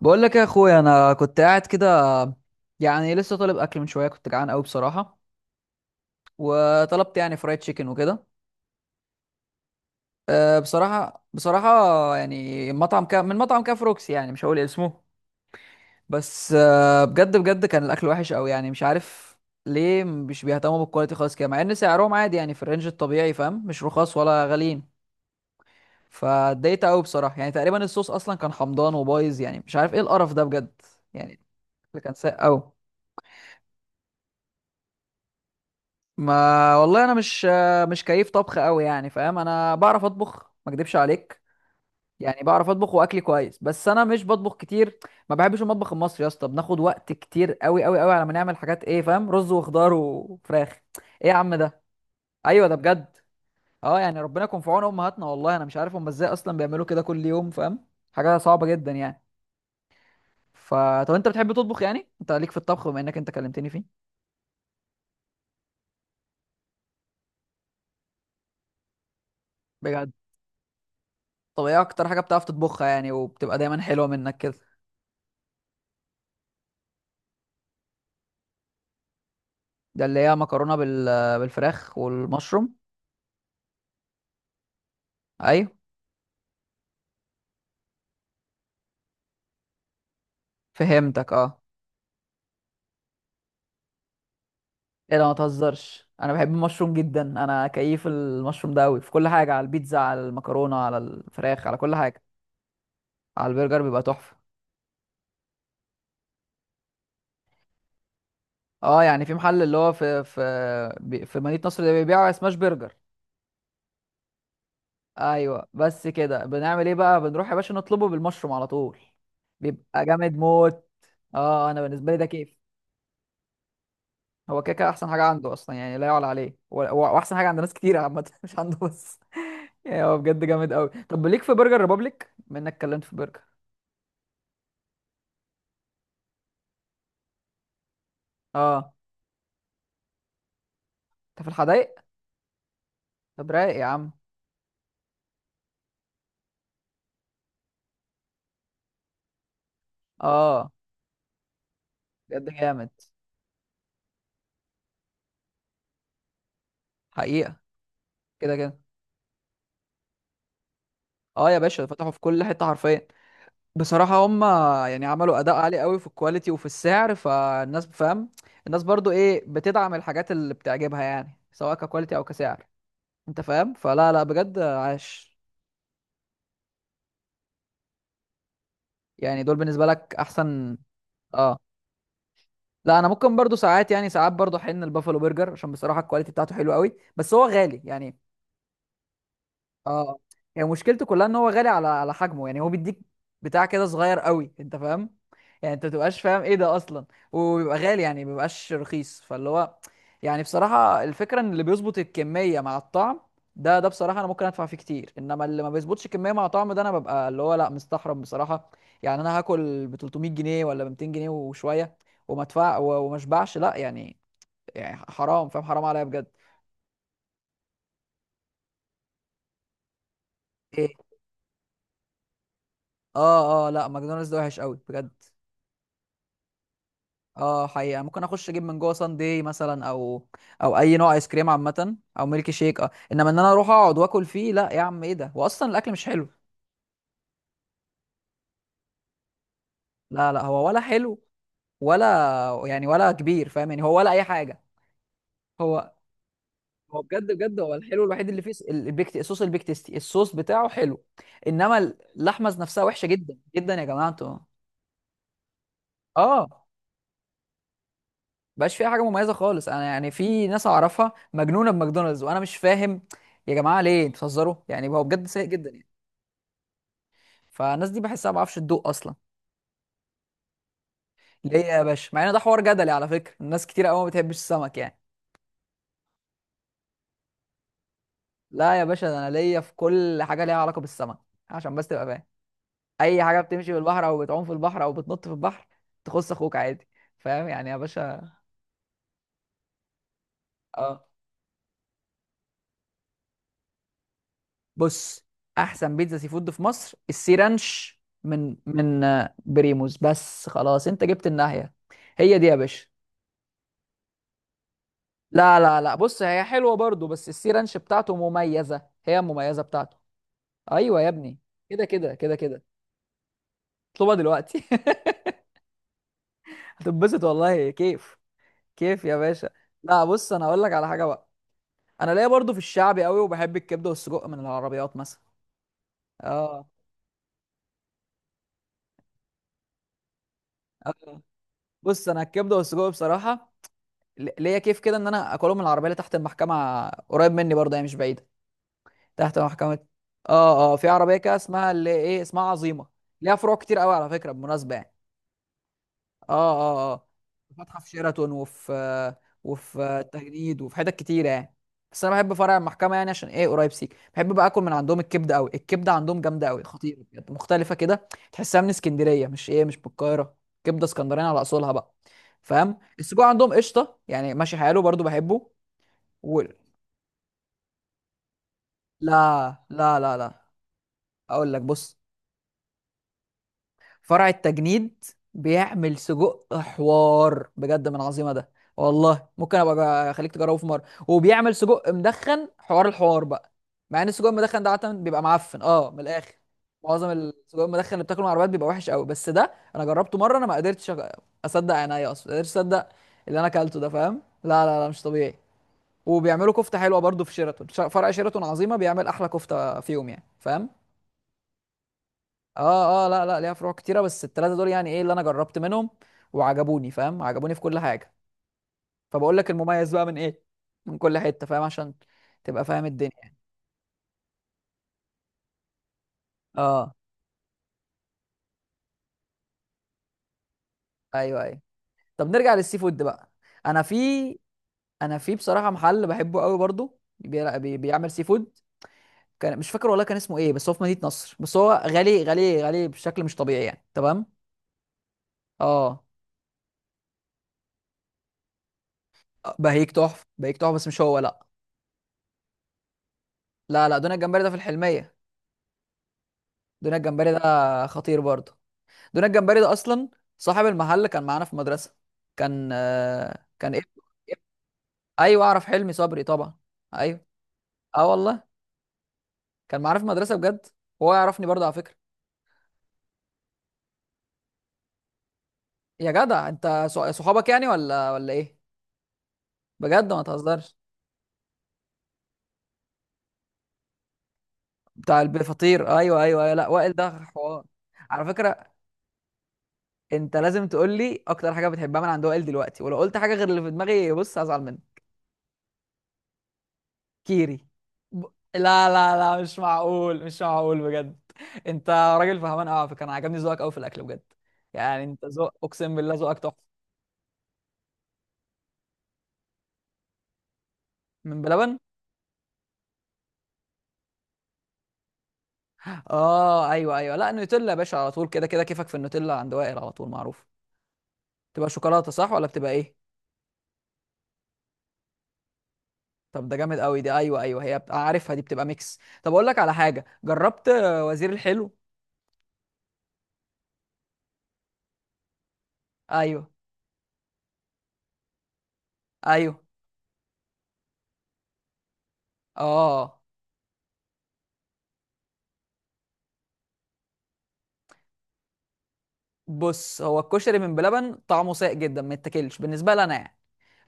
بقول لك يا اخويا، انا كنت قاعد كده يعني لسه طالب اكل من شويه، كنت جعان قوي بصراحه وطلبت يعني فرايد تشيكن وكده. بصراحه بصراحه يعني مطعم كا من مطعم كاف روكسي، يعني مش هقول اسمه بس أه بجد بجد كان الاكل وحش قوي، يعني مش عارف ليه مش بيهتموا بالكواليتي خالص كده، مع ان سعرهم عادي يعني في الرينج الطبيعي فاهم، مش رخاص ولا غاليين. فاتضايقت قوي بصراحه، يعني تقريبا الصوص اصلا كان حمضان وبايظ، يعني مش عارف ايه القرف ده بجد. يعني الأكل كان ساق قوي. ما والله انا مش كيف طبخ قوي يعني فاهم، انا بعرف اطبخ ما اكدبش عليك، يعني بعرف اطبخ واكلي كويس بس انا مش بطبخ كتير. ما بحبش المطبخ المصري يا اسطى، بناخد وقت كتير قوي قوي قوي على ما نعمل حاجات ايه فاهم، رز وخضار وفراخ. ايه يا عم ده، ايوه ده بجد. اه يعني ربنا يكون في عون امهاتنا، والله انا مش عارف هم ازاي اصلا بيعملوا كده كل يوم فاهم، حاجه صعبه جدا يعني. ف طب انت بتحب تطبخ يعني، انت ليك في الطبخ بما انك انت كلمتني فيه؟ بجد. طب ايه اكتر حاجه بتعرف تطبخها يعني، وبتبقى دايما حلوه منك كده؟ ده اللي هي مكرونة بالفراخ والمشروم. ايوه، فهمتك اه. ايه ده ما تهزرش، انا بحب المشروم جدا، انا كيف المشروم ده قوي في كل حاجة، على البيتزا، على المكرونة، على الفراخ، على كل حاجة. على البرجر بيبقى تحفة. اه يعني في محل اللي هو في في مدينة نصر اللي بيبيعوا سماش برجر. ايوه بس كده، بنعمل ايه بقى، بنروح يا باشا نطلبه بالمشروم على طول، بيبقى جامد موت. اه انا بالنسبة لي ده كيف. هو كده كده احسن حاجه عنده اصلا يعني، لا يعلى عليه، هو احسن حاجه عند ناس كتير عامه مش عنده بس. يعني هو بجد جامد قوي. طب ليك في برجر ريبابليك بما انك اتكلمت في برجر؟ اه. انت في الحدايق؟ طب رايق يا عم. اه بجد جامد. حقيقه. كده كده. اه يا باشا فتحوا في كل حته حرفيا، بصراحه هم يعني عملوا اداء عالي قوي في الكواليتي وفي السعر، فالناس فاهم، الناس برضو ايه، بتدعم الحاجات اللي بتعجبها يعني، سواء ككواليتي او كسعر، انت فاهم. فلا لا بجد عاش. يعني دول بالنسبه لك احسن. اه، لا انا ممكن برضو ساعات، يعني ساعات برضو احن البافلو برجر، عشان بصراحه الكواليتي بتاعته حلوه قوي بس هو غالي يعني. اه يعني مشكلته كلها ان هو غالي على على حجمه، يعني هو بيديك بتاع كده صغير قوي، انت فاهم، يعني انت متبقاش فاهم ايه ده اصلا، وبيبقى غالي يعني مبيبقاش رخيص. فاللي هو يعني بصراحة الفكرة ان اللي بيظبط الكمية مع الطعم ده ده بصراحة انا ممكن ادفع فيه كتير، انما اللي ما بيظبطش الكمية مع طعم ده انا ببقى اللي هو لا مستحرم بصراحة. يعني انا هاكل ب 300 جنيه ولا ب 200 جنيه وشوية وما ادفع وما اشبعش، لا يعني، يعني حرام فاهم حرام عليا بجد. ايه. اه اه لا ماكدونالدز ده وحش قوي بجد. اه حقيقة، ممكن اخش اجيب من جوه سان داي مثلا او او اي نوع ايس كريم عامة او ميلك شيك اه، انما ان انا اروح اقعد واكل فيه لا يا عم ايه ده، واصلا الاكل مش حلو. لا لا هو ولا حلو ولا يعني ولا كبير فاهم، يعني هو ولا اي حاجة. هو هو بجد بجد هو الحلو الوحيد اللي فيه البيك الصوص، البيك تيستي الصوص بتاعه حلو، انما اللحمة نفسها وحشة جدا جدا يا جماعة انتوا. اه بقاش فيها حاجه مميزه خالص. انا يعني في ناس اعرفها مجنونه بماكدونالدز وانا مش فاهم، يا جماعه ليه انتوا بتهزروا يعني، هو بجد سيء جدا يعني، فالناس دي بحسها ما بعرفش تدوق اصلا. ليه يا باشا، مع ان ده حوار جدلي على فكره، الناس كتير قوي ما بتحبش السمك يعني. لا يا باشا، ده انا ليا في كل حاجه ليها علاقه بالسمك، عشان بس تبقى فاهم، اي حاجه بتمشي بالبحر او بتعوم في البحر او بتنط في البحر تخص اخوك عادي، فاهم يعني يا باشا. اه. بص، احسن بيتزا سي فود في مصر السي رانش من بريموز، بس خلاص انت جبت الناحيه. هي دي يا باشا. لا لا لا بص، هي حلوه برضو بس السي رانش بتاعته مميزه، هي المميزه بتاعته. ايوه يا ابني، كده كده كده كده، اطلبها دلوقتي هتنبسط والله كيف. كيف يا باشا. لا بص انا اقول لك على حاجه بقى، انا ليا برضو في الشعبي قوي، وبحب الكبده والسجق من العربيات مثلا. اه. آه. بص انا الكبده والسجق بصراحه ليا كيف كده ان انا اكلهم من العربيه اللي تحت المحكمه قريب مني، برضه هي مش بعيده. تحت محكمه، اه اه في عربيه كده اسمها اللي ايه اسمها عظيمه، ليها فروع كتير قوي على فكره بالمناسبه يعني. اه اه اه. فاتحه في شيراتون، وفي التجنيد، وفي حتت كتيره يعني. بس انا بحب فرع المحكمه يعني عشان ايه قريب سيك، بحب بقى اكل من عندهم الكبده قوي، الكبده عندهم جامده قوي، خطيره بجد، مختلفه كده، تحسها من اسكندريه مش ايه مش من القاهره، كبده اسكندراني على اصولها بقى. فاهم، السجق عندهم قشطه يعني، ماشي حاله برضو بحبه. و... لا لا لا لا، اقول لك بص، فرع التجنيد بيعمل سجق حوار بجد من عظيمه ده، والله ممكن ابقى اخليك تجربه في مره. وبيعمل سجق مدخن حوار الحوار بقى، مع ان السجق المدخن ده عاده بيبقى معفن اه من الاخر، معظم السجق المدخن اللي بتاكله من العربيات بيبقى وحش قوي، بس ده انا جربته مره انا، ما قدرتش اصدق عينيا، اصلا ما قدرتش اصدق اللي انا اكلته ده فاهم، لا لا لا مش طبيعي. وبيعملوا كفته حلوه برضو في شيراتون، فرع شيراتون عظيمه بيعمل احلى كفته فيهم يعني فاهم. اه اه لا لا ليها فروع كتيره بس الثلاثه دول يعني ايه اللي انا جربت منهم وعجبوني فاهم، عجبوني في كل حاجه. فبقول لك المميز بقى من ايه، من كل حته فاهم، عشان تبقى فاهم الدنيا. اه ايوه ايوه. طب نرجع للسي فود بقى. انا في انا في بصراحه محل بحبه قوي برضو بيعمل سي فود، كان مش فاكر والله كان اسمه ايه، بس هو في مدينه نصر، بس هو غالي غالي غالي بشكل مش طبيعي يعني، تمام. اه. بهيك تحفه، بهيك تحفه بس مش هو لا. لا لا دون الجمبري ده في الحلميه. دون الجمبري ده خطير برضو، دون الجمبري ده اصلا صاحب المحل كان معانا في المدرسه، كان آه كان ايه. ايوه اعرف حلمي صبري طبعا، ايوه. اه والله، كان معانا في المدرسه بجد، هو يعرفني برضه على فكره. يا جدع انت صحابك يعني ولا ولا ايه؟ بجد ما تهزرش. بتاع الفطير ايوه ايوه ايوه، لا وائل ده حوار. على فكره انت لازم تقول لي اكتر حاجه بتحبها من عند وائل دلوقتي، ولو قلت حاجه غير اللي في دماغي بص هزعل منك. كيري. ب... لا لا لا مش معقول مش معقول بجد. انت راجل فهمان قوي على فكره، انا عجبني ذوقك قوي في الاكل بجد، يعني انت ذوق، اقسم بالله ذوقك تحفه. من بلبن. اه ايوه ايوه، لا النوتيلا يا باشا على طول كده كده، كيفك في النوتيلا عند وائل على طول معروف. تبقى شوكولاته صح ولا بتبقى ايه؟ طب ده جامد قوي دي، ايوه ايوه هي بت- عارفها دي بتبقى ميكس. طب اقول لك على حاجه، جربت وزير الحلو؟ ايوه ايوه. اه بص، هو الكشري من بلبن طعمه سيء جدا، ما يتاكلش بالنسبه لي انا يعني.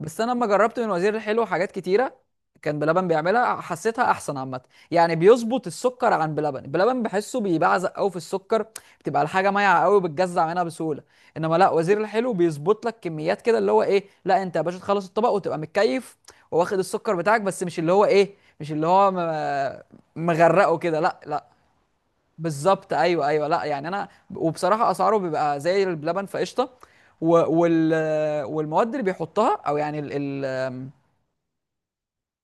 بس انا لما جربت من وزير الحلو حاجات كتيره كان بلبن بيعملها، حسيتها احسن عامه، يعني بيظبط السكر عن بلبن، بلبن بحسه بيبعزق قوي في السكر، بتبقى الحاجه مايعه قوي بتجزع منها بسهوله، انما لا وزير الحلو بيظبط لك كميات كده اللي هو ايه، لا انت يا باشا تخلص الطبق وتبقى متكيف وواخد السكر بتاعك، بس مش اللي هو ايه مش اللي هو مغرقه كده، لا لا. بالظبط ايوه ايوه لا يعني انا. وبصراحه اسعاره بيبقى زي اللبن فقشطه. و... وال... والمواد اللي بيحطها او يعني ال...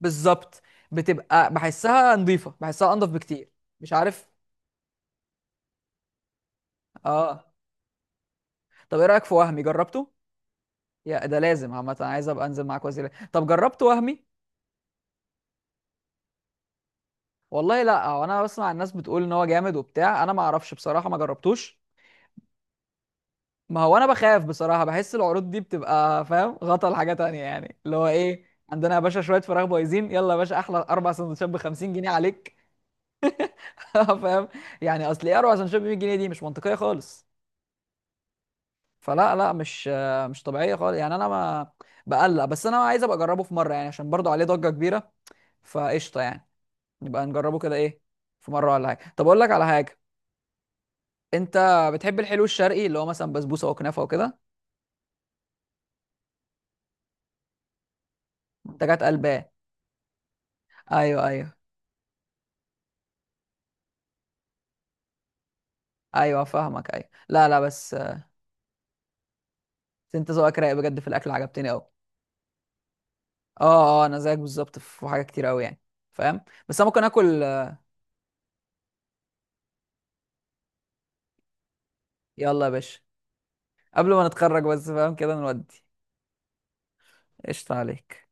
بالظبط. بتبقى بحسها نظيفه، بحسها انضف بكتير. مش عارف. اه. طب ايه رايك في وهمي، جربته؟ يا ده لازم عامه، أنا عايز ابقى انزل معاك وسيله. طب جربت وهمي؟ والله لا، هو انا بسمع الناس بتقول ان هو جامد وبتاع، انا ما اعرفش بصراحه ما جربتوش. ما هو انا بخاف بصراحه، بحس العروض دي بتبقى فاهم غطا لحاجه تانية يعني اللي هو ايه، عندنا يا باشا شويه فراخ بايظين يلا يا باشا احلى اربع سندوتشات ب 50 جنيه عليك. فاهم، يعني اصل ايه اربع سندوتشات ب 100 جنيه دي مش منطقيه خالص. فلا لا مش مش طبيعيه خالص يعني انا ما بقلق، بس انا عايز ابقى اجربه في مره يعني عشان برضو عليه ضجه كبيره فقشطه يعني. نبقى نجربه كده ايه في مره ولا حاجه. طب اقول لك على حاجه، انت بتحب الحلو الشرقي اللي هو مثلا بسبوسه وكنافه وكده؟ منتجات قلبان. ايوه ايوه ايوه فاهمك ايوه، لا لا بس انت ذوقك رايق بجد في الاكل، عجبتني قوي. اه اه انا زيك بالظبط في حاجه كتير قوي يعني فاهم، بس انا ممكن اكل يلا يا باشا، قبل ما نتخرج بس فاهم كده نودي. قشطه عليك.